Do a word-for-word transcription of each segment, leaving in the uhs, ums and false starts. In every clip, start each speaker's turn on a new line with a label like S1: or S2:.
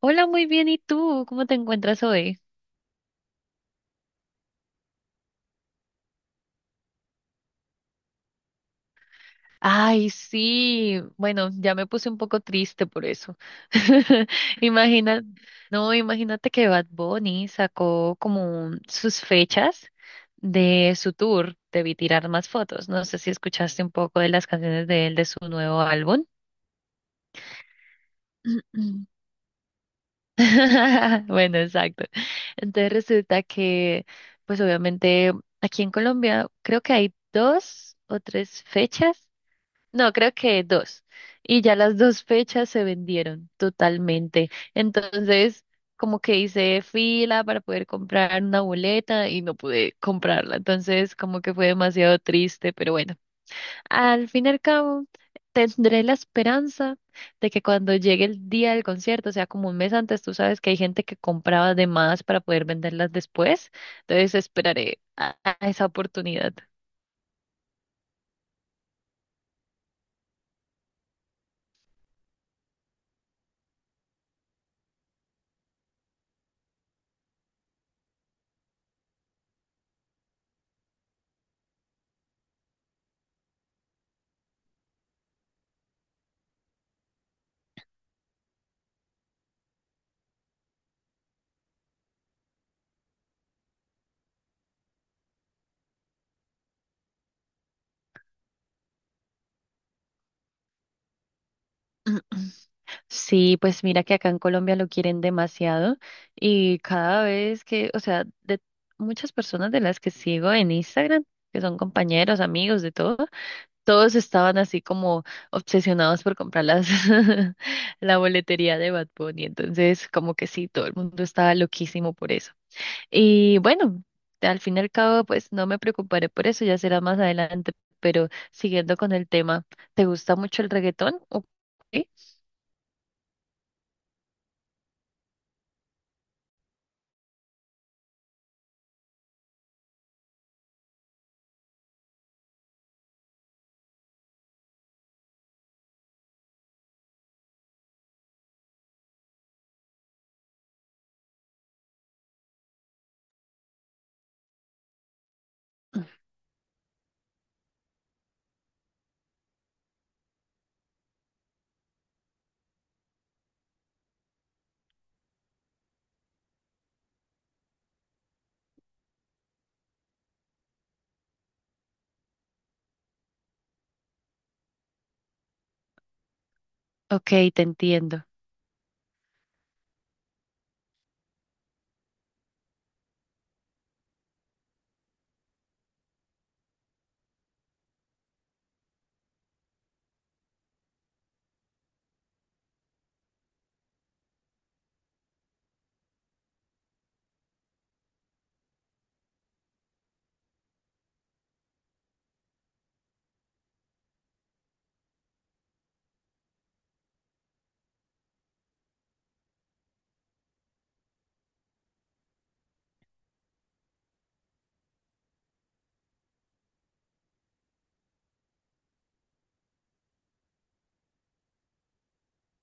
S1: Hola, muy bien. ¿Y tú? ¿Cómo te encuentras hoy? Ay, sí. Bueno, ya me puse un poco triste por eso. Imagina, no, imagínate que Bad Bunny sacó como un- sus fechas de su tour. Debí tirar más fotos. No sé si escuchaste un poco de las canciones de él de su nuevo álbum. Bueno, exacto. Entonces resulta que, pues obviamente aquí en Colombia creo que hay dos o tres fechas. No, creo que dos. Y ya las dos fechas se vendieron totalmente. Entonces, como que hice fila para poder comprar una boleta y no pude comprarla. Entonces, como que fue demasiado triste, pero bueno, al fin y al cabo, tendré la esperanza de que cuando llegue el día del concierto, o sea, como un mes antes, tú sabes que hay gente que compraba de más para poder venderlas después. Entonces, esperaré a a esa oportunidad. Sí, pues mira que acá en Colombia lo quieren demasiado y cada vez que, o sea, de muchas personas de las que sigo en Instagram, que son compañeros, amigos, de todo, todos estaban así como obsesionados por comprar las, la boletería de Bad Bunny, entonces como que sí, todo el mundo estaba loquísimo por eso. Y bueno, al fin y al cabo, pues no me preocuparé por eso, ya será más adelante, pero siguiendo con el tema, ¿te gusta mucho el reggaetón? Ok, ok, te entiendo.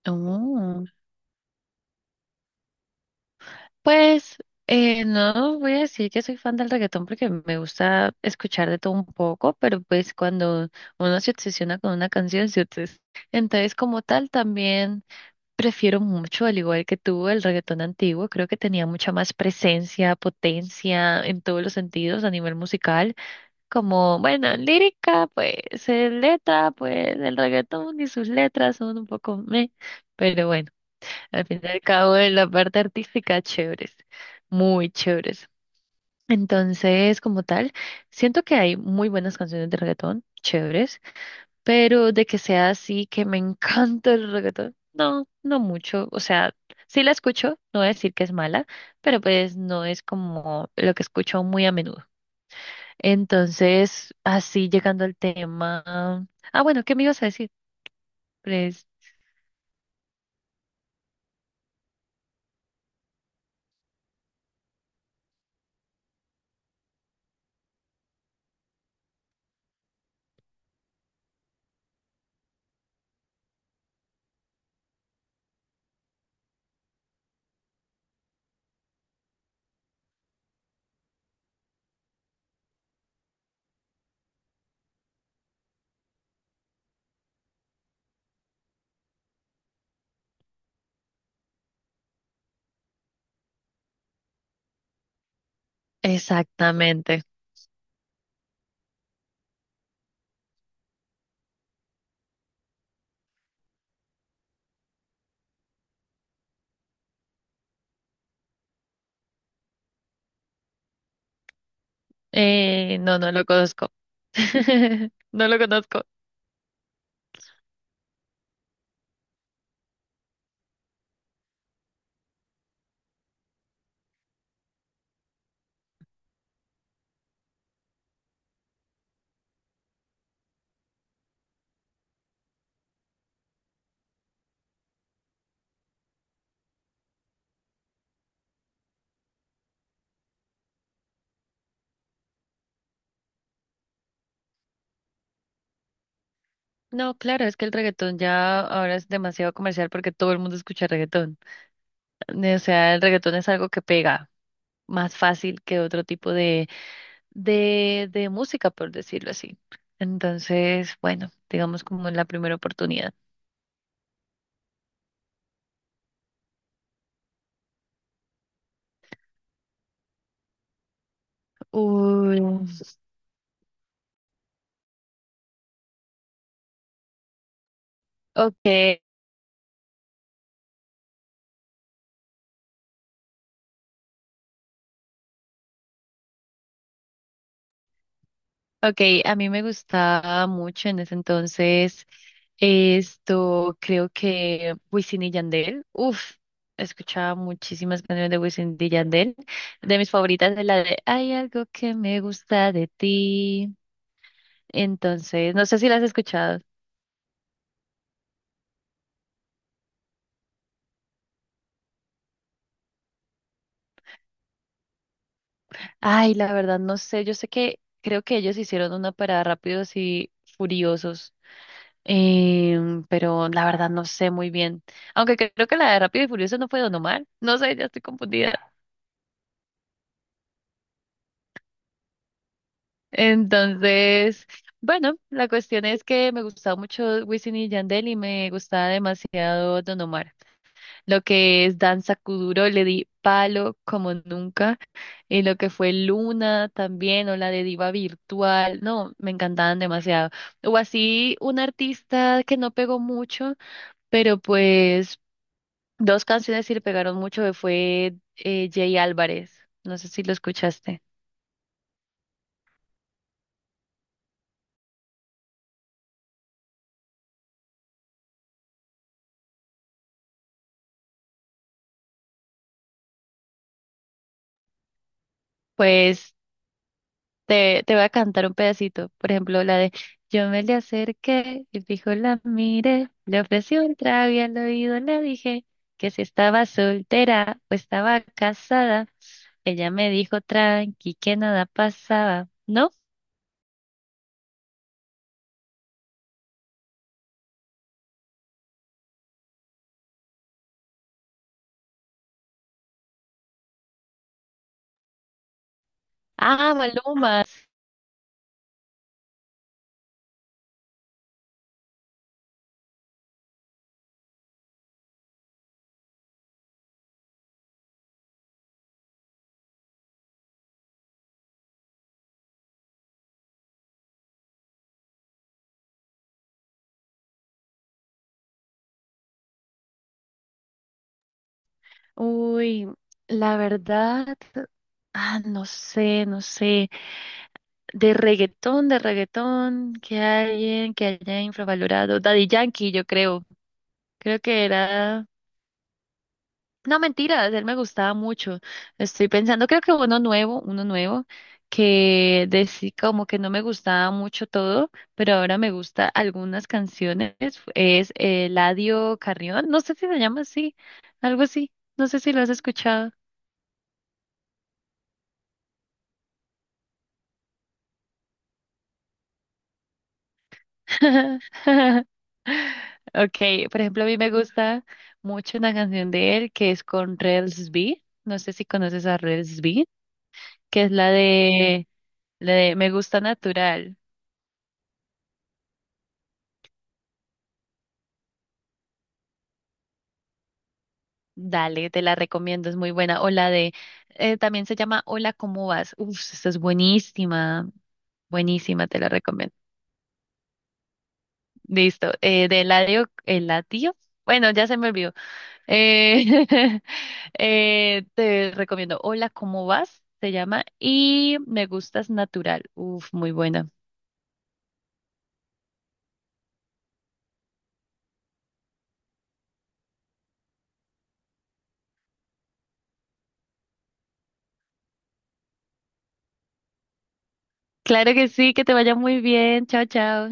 S1: Oh, pues eh, no voy a decir que soy fan del reggaetón porque me gusta escuchar de todo un poco, pero pues cuando uno se obsesiona con una canción, se obses- entonces, como tal, también prefiero mucho, al igual que tú, el reggaetón antiguo. Creo que tenía mucha más presencia, potencia en todos los sentidos a nivel musical. Como, bueno, lírica, pues, eh, letra, pues, el reggaetón y sus letras son un poco meh, pero bueno. Al fin y al cabo, en la parte artística, chéveres, muy chéveres. Entonces, como tal, siento que hay muy buenas canciones de reggaetón, chéveres, pero de que sea así, que me encanta el reggaetón, no, no mucho. O sea, sí la escucho, no voy a decir que es mala, pero pues no es como lo que escucho muy a menudo. Entonces, así llegando al tema. Ah, bueno, ¿qué me ibas a decir? Pues, exactamente. Eh, no, no lo conozco. No lo conozco. No, claro, es que el reggaetón ya ahora es demasiado comercial porque todo el mundo escucha reggaetón. O sea, el reggaetón es algo que pega más fácil que otro tipo de, de, de música, por decirlo así. Entonces, bueno, digamos como en la primera oportunidad. Uy, ok. Ok, a mí me gustaba mucho en ese entonces esto, creo que Wisin y Yandel, uff, escuchaba muchísimas canciones de Wisin y Yandel, de mis favoritas es la de Hay algo que me gusta de ti, entonces, no sé si las has escuchado. Ay, la verdad no sé, yo sé que creo que ellos hicieron una para Rápidos y Furiosos, em, pero la verdad no sé muy bien. Aunque creo que la de Rápidos y Furiosos no fue Don Omar. No sé, ya estoy confundida. Entonces, bueno, la cuestión es que me gustaba mucho Wisin y Yandel y me gustaba demasiado Don Omar. Lo que es Danza Kuduro le di palo como nunca. Y lo que fue Luna también, o la de Diva Virtual, no, me encantaban demasiado. O así un artista que no pegó mucho, pero pues dos canciones sí le pegaron mucho, que fue eh, Jay Álvarez. No sé si lo escuchaste. Pues Te, te voy a cantar un pedacito, por ejemplo, la de Yo me le acerqué y fijo la miré, le ofrecí un trago y al oído le dije que si estaba soltera o estaba casada, ella me dijo tranqui que nada pasaba, ¿no? Ah, Maluma. Uy, la verdad, ah, no sé, no sé, de reggaetón, de reggaetón, que alguien que haya infravalorado, Daddy Yankee, yo creo, creo que era No, mentiras, él me gustaba mucho. Estoy pensando, creo que uno nuevo, uno nuevo, que decía como que no me gustaba mucho todo, pero ahora me gusta algunas canciones, es Eladio Carrión, no sé si se llama así, algo así, no sé si lo has escuchado. Okay, por ejemplo, a mí me gusta mucho una canción de él que es con Rels B, no sé si conoces a Rels B, que es la de, la de Me gusta natural. Dale, te la recomiendo, es muy buena. O la de, eh, también se llama Hola, ¿cómo vas? Uf, esta es buenísima, buenísima, te la recomiendo. Listo, eh, de Eladio, Eladio, bueno, ya se me olvidó. Eh, eh, te recomiendo Hola, ¿cómo vas? Se llama y Me gustas natural. Uf, muy buena. Claro que sí, que te vaya muy bien. Chao, chao.